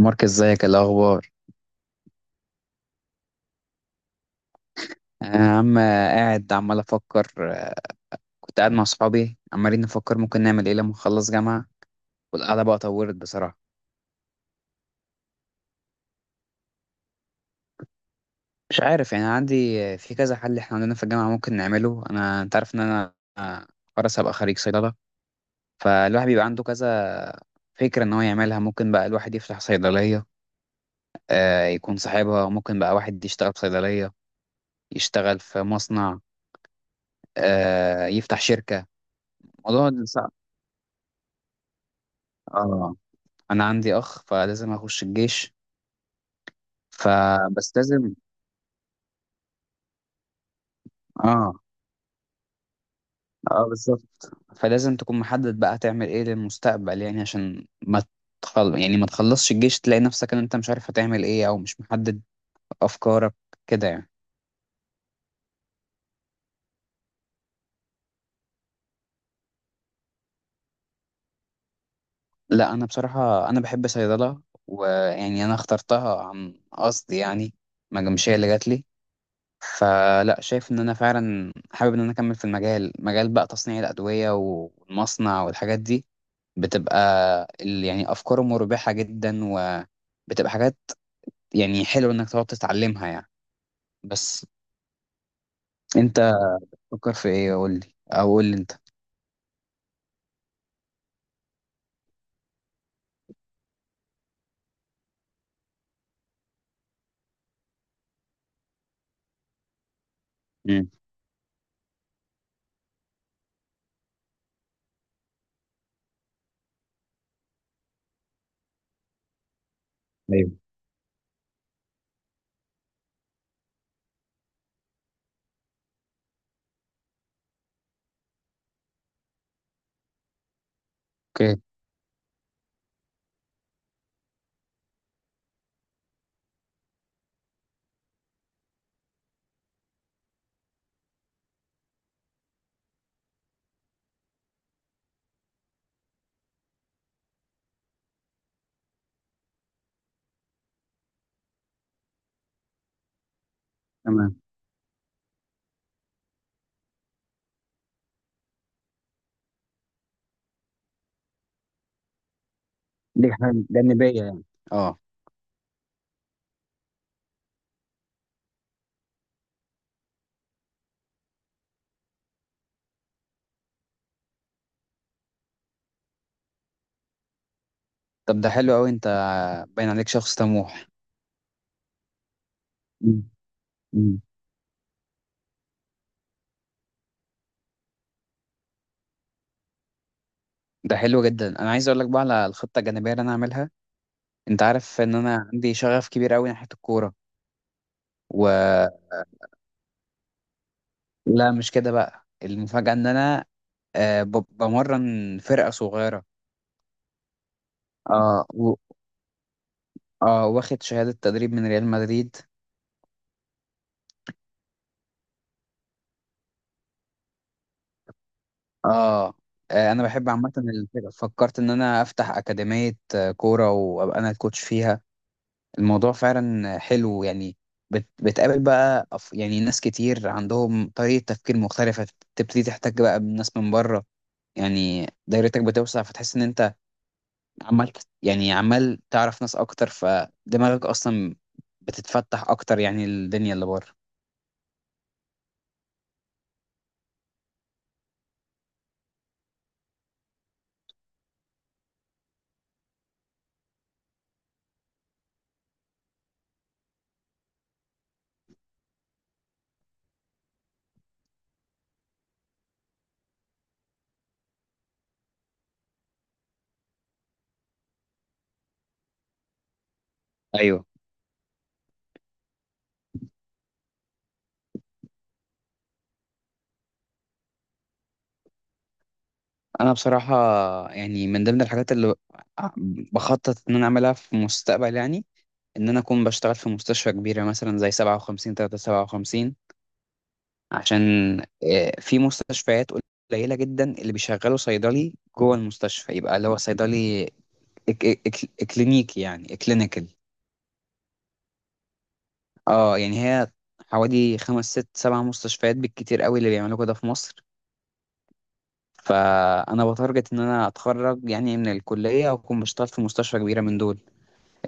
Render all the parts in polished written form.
مارك ازيك؟ إيه الاخبار؟ انا يا عم قاعد عمال افكر، كنت قاعد مع صحابي عمالين نفكر ممكن نعمل ايه لما نخلص جامعه، والقعده بقى طورت بصراحه. مش عارف يعني، عندي في كذا حل احنا عندنا في الجامعه ممكن نعمله. انا انت عارف ان انا، خلاص هبقى خريج صيدله، فالواحد بيبقى عنده كذا فكره ان هو يعملها. ممكن بقى الواحد يفتح صيدليه يكون صاحبها، ممكن بقى واحد يشتغل في صيدليه، يشتغل في مصنع، يفتح شركه. الموضوع ده صعب. اه، انا عندي اخ فلازم اخش الجيش. فبس لازم. اه. اه بالظبط، فلازم تكون محدد بقى هتعمل ايه للمستقبل، يعني عشان ما يعني ما تخلصش الجيش تلاقي نفسك ان انت مش عارف هتعمل ايه او مش محدد افكارك كده يعني. لا انا بصراحة انا بحب صيدلة، ويعني انا اخترتها عن قصد يعني، ما مش هي اللي جات لي. فلا، شايف ان انا فعلا حابب ان انا اكمل في المجال، مجال بقى تصنيع الادوية والمصنع والحاجات دي، بتبقى يعني افكاره مربحه جدا، وبتبقى حاجات يعني حلوه انك تقعد تتعلمها يعني. بس انت فكر في ايه؟ قول لي، او قول لي انت. امم. ايوه. اوكي. تمام. دي حاجه جانبيه يعني. اه، طب ده حلو قوي، انت باين عليك شخص طموح. مم. مم. ده حلو جدا، انا عايز اقول لك بقى على الخطه الجانبيه اللي انا هعملها. انت عارف ان انا عندي شغف كبير قوي ناحيه الكوره. و لا مش كده، بقى المفاجاه ان انا بمرن فرقه صغيره. اه اه واخد شهادة تدريب من ريال مدريد. اه. انا بحب عامة الفرق. فكرت ان انا افتح اكاديمية كورة وابقى انا الكوتش فيها. الموضوع فعلا حلو يعني. بتقابل بقى يعني ناس كتير عندهم طريقة تفكير مختلفة. تبتدي تحتك بقى بناس من بره، يعني دايرتك بتوسع. فتحس ان انت يعني عمال تعرف ناس اكتر، فدماغك اصلا بتتفتح اكتر يعني، الدنيا اللي بره. ايوه، انا بصراحه يعني من ضمن الحاجات اللي بخطط ان انا اعملها في المستقبل يعني، ان انا اكون بشتغل في مستشفى كبيره مثلا زي 57357. عشان في مستشفيات قليله جدا اللي بيشغلوا صيدلي جوه المستشفى، يبقى اللي هو صيدلي إك إك إك كلينيكي يعني، كلينيكال. اه يعني هي حوالي خمس ست سبع مستشفيات بالكتير قوي اللي بيعملوا كده في مصر. فانا بتارجت ان انا اتخرج يعني من الكليه واكون بشتغل في مستشفى كبيره من دول.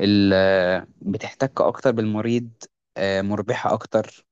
بتحتك اكتر بالمريض، مربحة اكتر.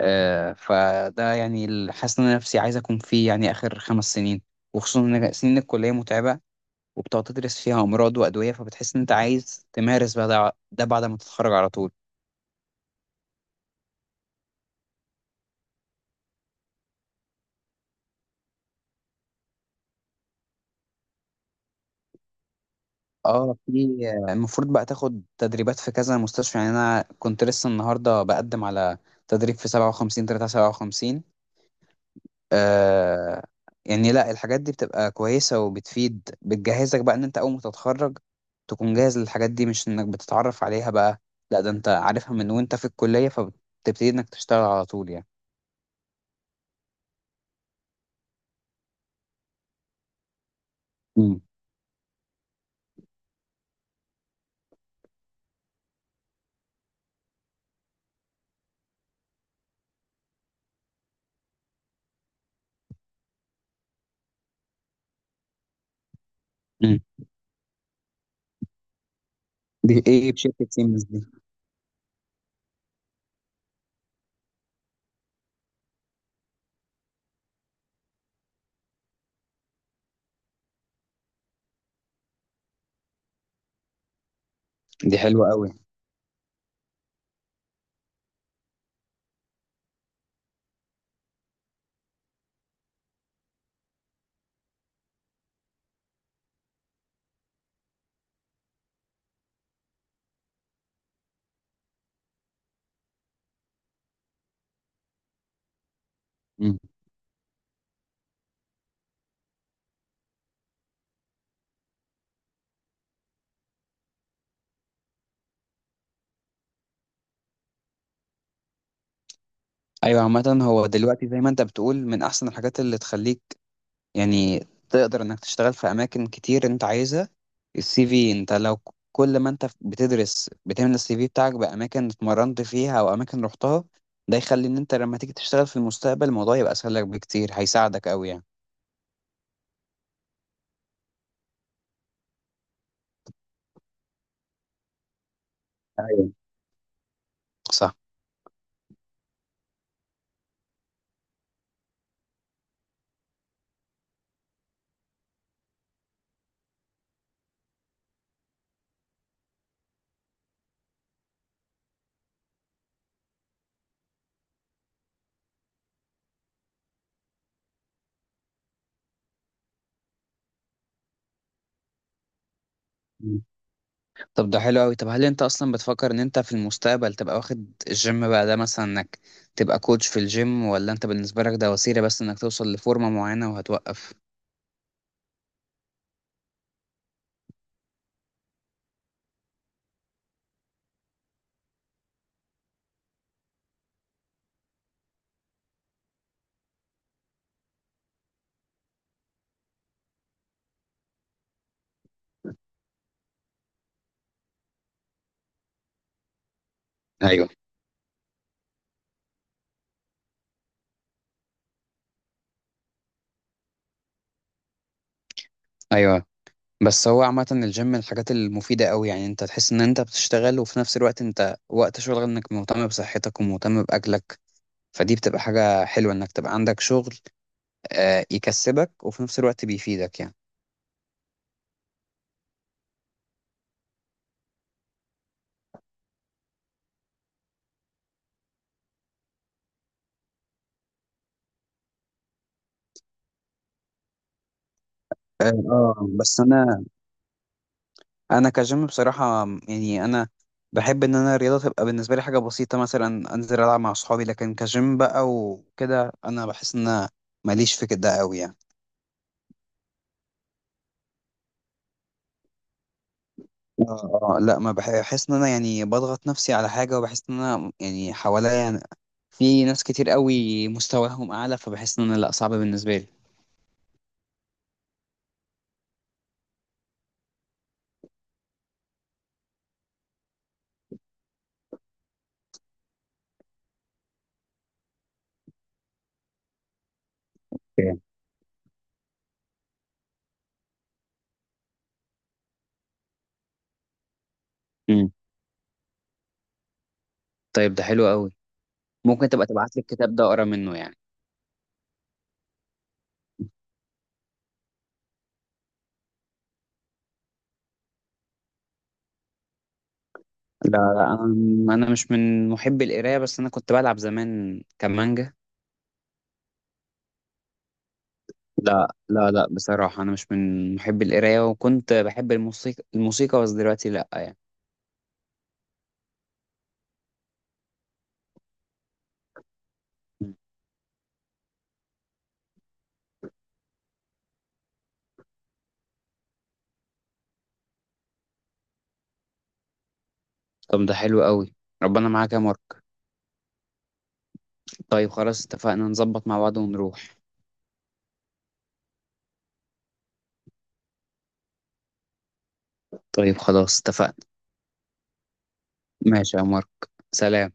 فده يعني حاسس ان انا نفسي عايز اكون فيه يعني اخر خمس سنين. وخصوصا ان سنين الكلية متعبة، وبتقعد تدرس فيها امراض وادوية. فبتحس ان انت عايز تمارس بقى ده بعد ما تتخرج على طول. اه في، المفروض بقى تاخد تدريبات في كذا مستشفى يعني، انا كنت لسه النهارده بقدم على تدريب في 57357. آه، يعني لا الحاجات دي بتبقى كويسة وبتفيد، بتجهزك بقى ان انت اول ما تتخرج تكون جاهز للحاجات دي، مش انك بتتعرف عليها بقى. لا، ده انت عارفها من وانت في الكلية، فبتبتدي انك تشتغل على طول يعني. امم. امم. دي ايه بشركة سيمنز دي؟ دي حلوة قوي. امم. ايوه، عامة هو دلوقتي زي ما انت بتقول من احسن الحاجات اللي تخليك يعني تقدر انك تشتغل في اماكن كتير انت عايزها. السي في، انت لو كل ما انت بتدرس بتملى السي في بتاعك باماكن اتمرنت فيها او اماكن رحتها، ده يخلي ان انت لما تيجي تشتغل في المستقبل الموضوع يبقى اسهل لك بكتير، هيساعدك قوي يعني. ايوه. صح. مم. طب ده حلو قوي. طب هل انت اصلا بتفكر ان انت في المستقبل تبقى واخد الجيم بقى ده، مثلا انك تبقى كوتش في الجيم، ولا انت بالنسبة لك ده وسيلة بس انك توصل لفورمة معينة وهتوقف؟ ايوه. ايوه. بس هو عامة الجيم من الحاجات المفيدة أوي يعني، أنت تحس إن أنت بتشتغل، وفي نفس الوقت أنت وقت شغل إنك مهتم بصحتك ومهتم بأكلك. فدي بتبقى حاجة حلوة إنك تبقى عندك شغل يكسبك، وفي نفس الوقت بيفيدك يعني. اه، بس أنا، أنا كجيم بصراحة يعني، أنا بحب إن أنا الرياضة تبقى بالنسبة لي حاجة بسيطة، مثلا أنزل ألعب مع أصحابي. لكن كجيم بقى وكده أنا بحس إن أنا ماليش في كده أوي يعني. اه، لا ما بح- بحس ان انا يعني بضغط نفسي على حاجه، وبحس ان انا يعني حواليا في ناس كتير قوي مستواهم اعلى، فبحس ان انا لا، صعب بالنسبه لي. اوكي. امم. طيب ده حلو قوي. ممكن تبقى تبعت لي الكتاب ده اقرا منه يعني. لا لا انا، أنا مش من محبي القرايه، بس انا كنت بلعب زمان كمانجا. لا لا لا، بصراحه انا مش من محبي القرايه، وكنت بحب الموسيقى، الموسيقى بس دلوقتي لا يعني. مم. طب ده حلو قوي، ربنا معاك يا مارك. طيب خلاص اتفقنا، نظبط مع بعض ونروح. طيب خلاص اتفقنا. ماشي يا مارك. سلام.